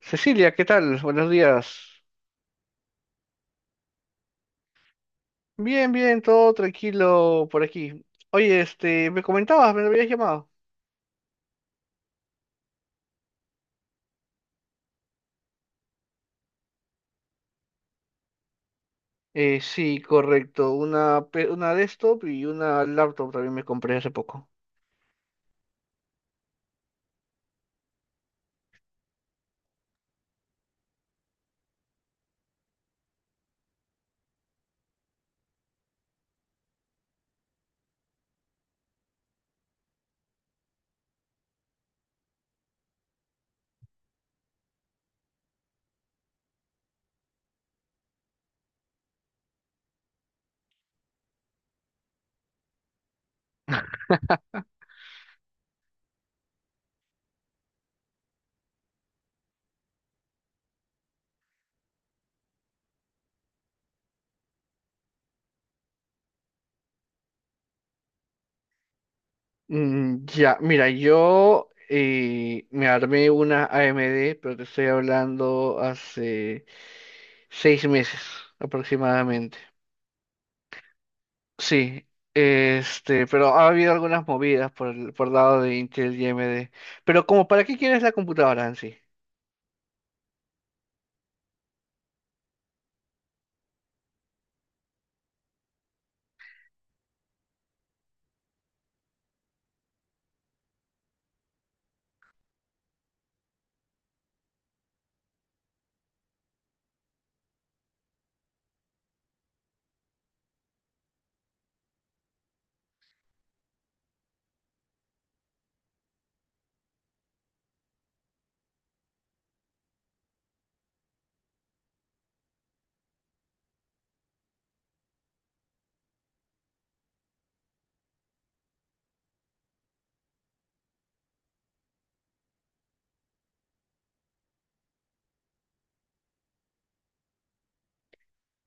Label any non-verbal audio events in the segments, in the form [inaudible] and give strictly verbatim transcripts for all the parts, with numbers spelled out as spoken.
Cecilia, ¿qué tal? Buenos días. Bien, bien, todo tranquilo por aquí. Oye, este, me comentabas, me habías llamado. Eh, sí, correcto. Una, pe- una desktop y una laptop también me compré hace poco. Mm, ya, mira, yo eh, me armé una A M D, pero te estoy hablando hace seis meses aproximadamente. Sí, este, pero ha habido algunas movidas por el, por lado de Intel y A M D. Pero como, ¿para qué quieres la computadora en sí?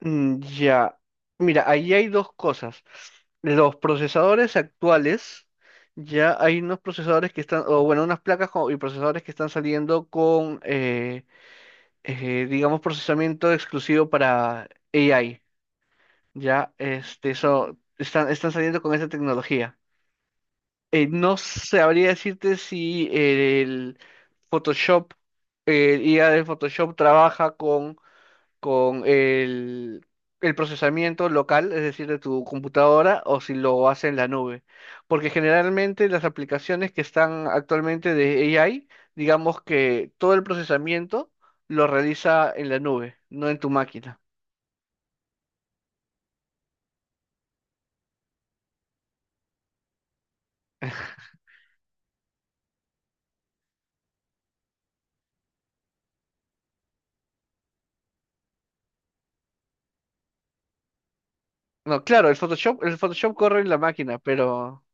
Mm, ya, mira, ahí hay dos cosas. Los procesadores actuales, ya hay unos procesadores que están, o bueno, unas placas co- y procesadores que están saliendo con, eh, eh, digamos, procesamiento exclusivo para A I. Ya, este, eso, están, están saliendo con esa tecnología. Eh, no sabría decirte si el Photoshop, el I A del Photoshop trabaja con, con el, el procesamiento local, es decir, de tu computadora, o si lo hace en la nube. Porque generalmente las aplicaciones que están actualmente de A I, digamos que todo el procesamiento lo realiza en la nube, no en tu máquina. No, claro, el Photoshop, el Photoshop corre en la máquina, pero...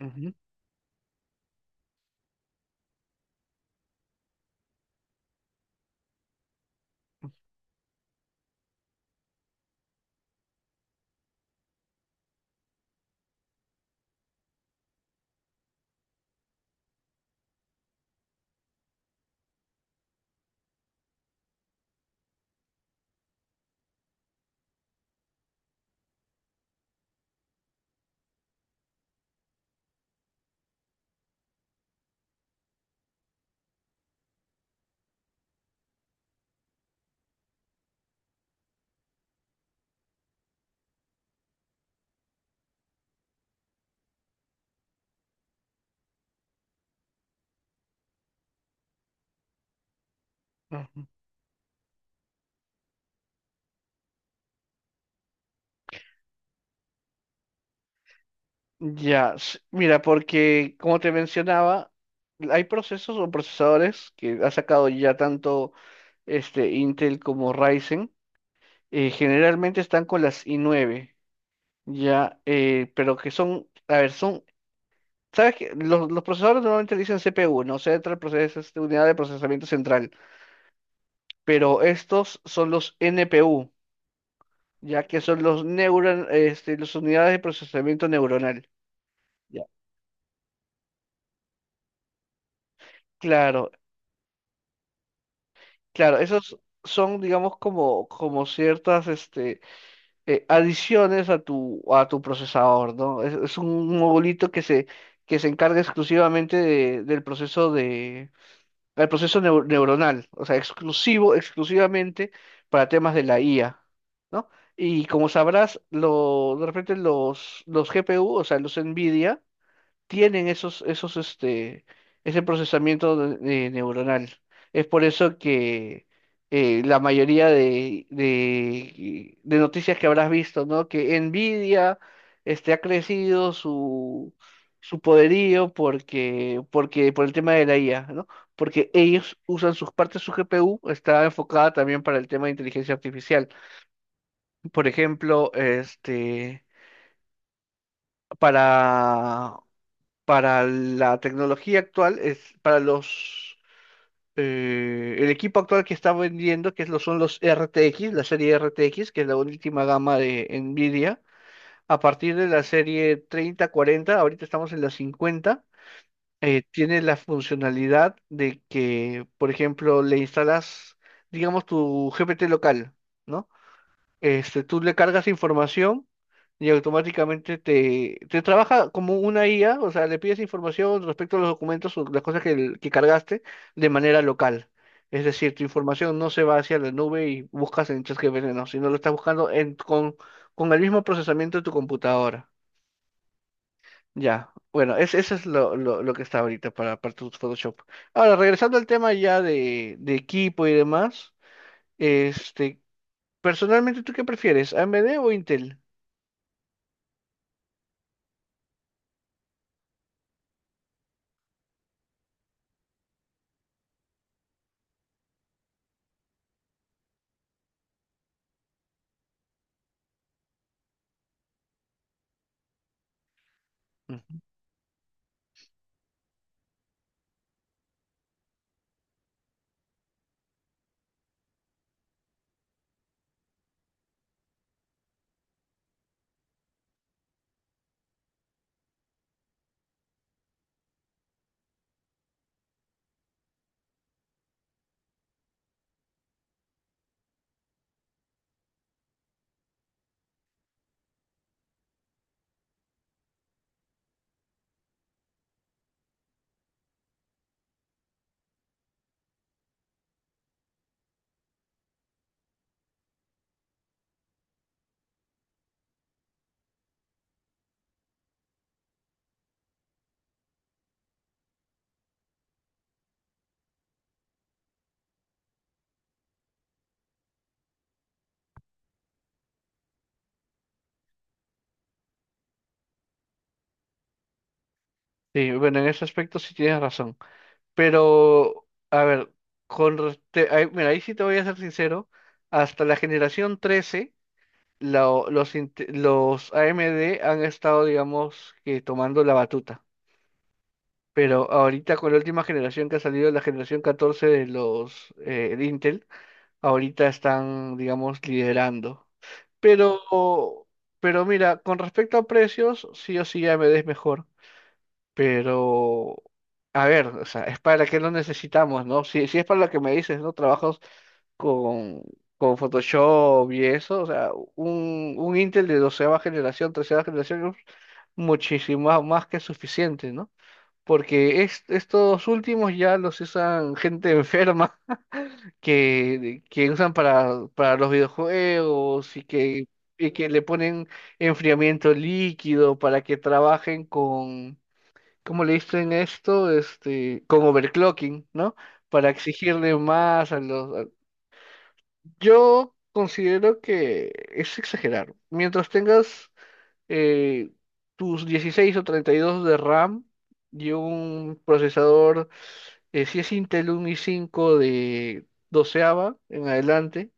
Ujú, ujú. Ya, s- mira, porque como te mencionaba, hay procesos o procesadores que ha sacado ya tanto este Intel como Ryzen. eh, generalmente están con las i nueve, ya, eh, pero que son, a ver, son, sabes que los, los procesadores normalmente le dicen C P U, no Central Process, este, unidad de procesamiento central, pero estos son los N P U, ya que son los neuron, este, las unidades de procesamiento neuronal. Ya. Claro, claro, esos son, digamos, como, como ciertas este, eh, adiciones a tu, a tu procesador, ¿no? Es, es un modulito que se, que se encarga exclusivamente de- del proceso de, del proceso neu- neuronal, o sea, exclusivo, exclusivamente para temas de la I A, ¿no? Y como sabrás, lo, de repente los, los G P U, o sea, los NVIDIA, tienen esos, esos, este, ese procesamiento de- de neuronal. Es por eso que eh, la mayoría de, de, de noticias que habrás visto, ¿no? Que Nvidia este, ha crecido su, su poderío porque, porque, por el tema de la I A, ¿no? Porque ellos usan sus partes, su G P U está enfocada también para el tema de inteligencia artificial. Por ejemplo, este, para para la tecnología actual, es para los eh, el equipo actual que está vendiendo, que es lo- son los R T X, la serie R T X, que es la última gama de Nvidia. A partir de la serie treinta cuarenta ahorita estamos en la cincuenta. Eh, tiene la funcionalidad de que, por ejemplo, le instalas, digamos, tu G P T local, ¿no? Este, tú le cargas información y automáticamente te, te trabaja como una I A, o sea, le pides información respecto a los documentos o las cosas que, el- que cargaste de manera local. Es decir, tu información no se va hacia la nube y buscas en ChatGPT, no, sino lo estás buscando en, con, con el mismo procesamiento de tu computadora. Ya, bueno, es, eso es lo, lo, lo que está ahorita para, para tu Photoshop. Ahora, regresando al tema ya de, de equipo y demás, este, personalmente, ¿tú qué prefieres, A M D o Intel? Sí, bueno, en ese aspecto sí tienes razón. Pero con re- te- ahí- mira, ahí sí te voy a ser sincero, hasta la generación trece la los, inte- los A M D han estado, digamos, que tomando la batuta. Pero ahorita con la última generación que ha salido, la generación catorce de los eh, de Intel, ahorita están, digamos, liderando. Pero, pero mira, con respecto a precios, sí o sí A M D es mejor. Pero, a ver, o sea, es para qué lo necesitamos, ¿no? Si, si es para lo que me dices, ¿no? Trabajos con, con Photoshop y eso, o sea, un, un Intel de doceava generación, tercera generación, es muchísimo más que suficiente, ¿no? Porque es- estos últimos ya los usan gente enferma [laughs] que, que usan para, para los videojuegos y que, y que le ponen enfriamiento líquido para que trabajen. ¿Cómo le dicen esto? Este, con overclocking, ¿no? Para exigirle más a los... a- Yo considero que es exagerar. Mientras tengas eh, tus dieciséis o treinta y dos de RAM y un procesador, eh, si es Intel un i cinco de doceava en adelante,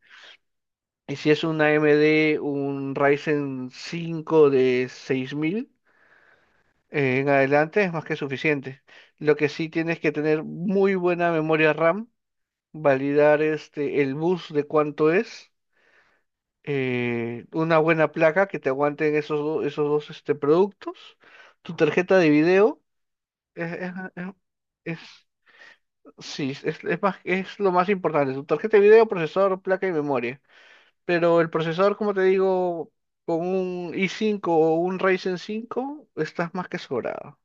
y si es un A M D, un Ryzen cinco de seis mil. Eh, en adelante es más que suficiente. Lo que sí tienes que tener muy buena memoria RAM, validar este el bus de cuánto es, eh, una buena placa que te aguanten esos, do- esos dos este, productos, tu tarjeta de video, es, es- es- es- sí, es, es más, es lo más importante, tu tarjeta de video, procesador, placa y memoria. Pero el procesador, como te digo, con un i cinco o un Ryzen cinco estás más que sobrado.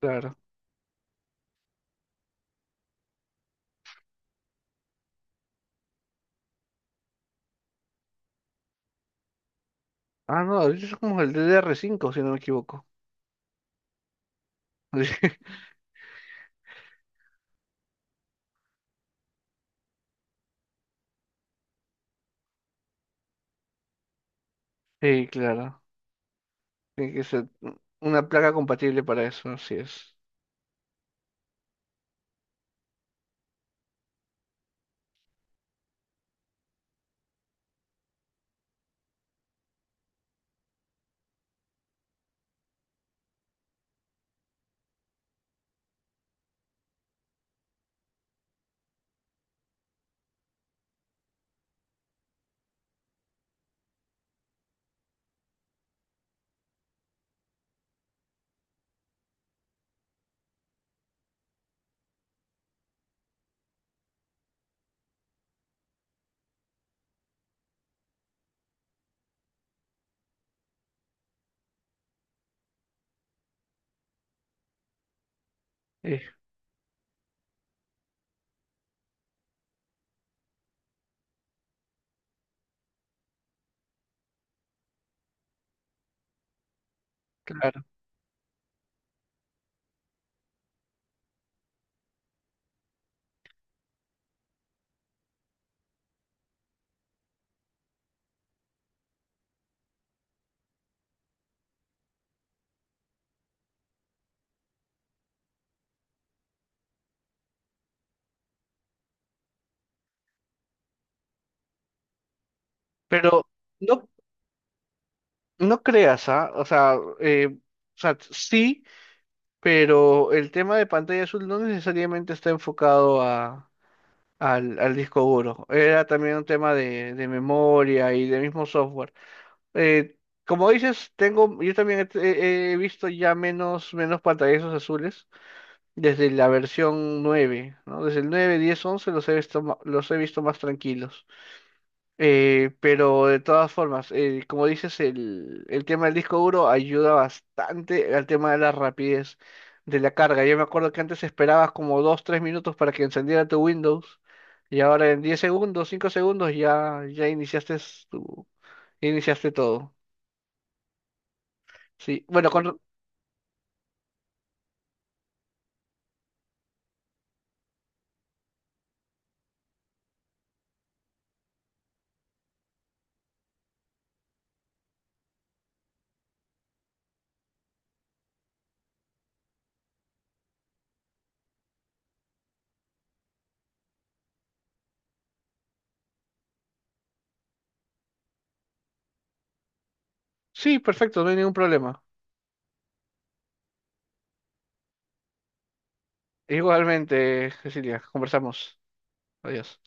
Claro. Ah, no, ahorita es como el d d r cinco, si no me equivoco. [laughs] Sí, claro. Tiene que ser una placa compatible para eso, así es. Sí, claro. Pero no, no creas, ¿ah? O sea, eh, o sea, sí, pero el tema de pantalla azul no necesariamente está enfocado a, al, al disco duro. Era también un tema de, de memoria y de mismo software. Eh, Como dices, tengo, yo también he, he- he visto ya menos, menos pantallazos azules. Desde la versión nueve, ¿no? Desde el nueve, diez, once los he visto, ma- los he visto más tranquilos. Eh, pero de todas formas, eh, como dices, el, el tema del disco duro ayuda bastante al tema de la rapidez de la carga. Yo me acuerdo que antes esperabas como dos, tres minutos para que encendiera tu Windows y ahora en diez segundos, cinco segundos ya, ya iniciaste, tu, iniciaste todo. Sí, bueno, con- sí, perfecto, no hay ningún problema. Igualmente, Cecilia, conversamos. Adiós.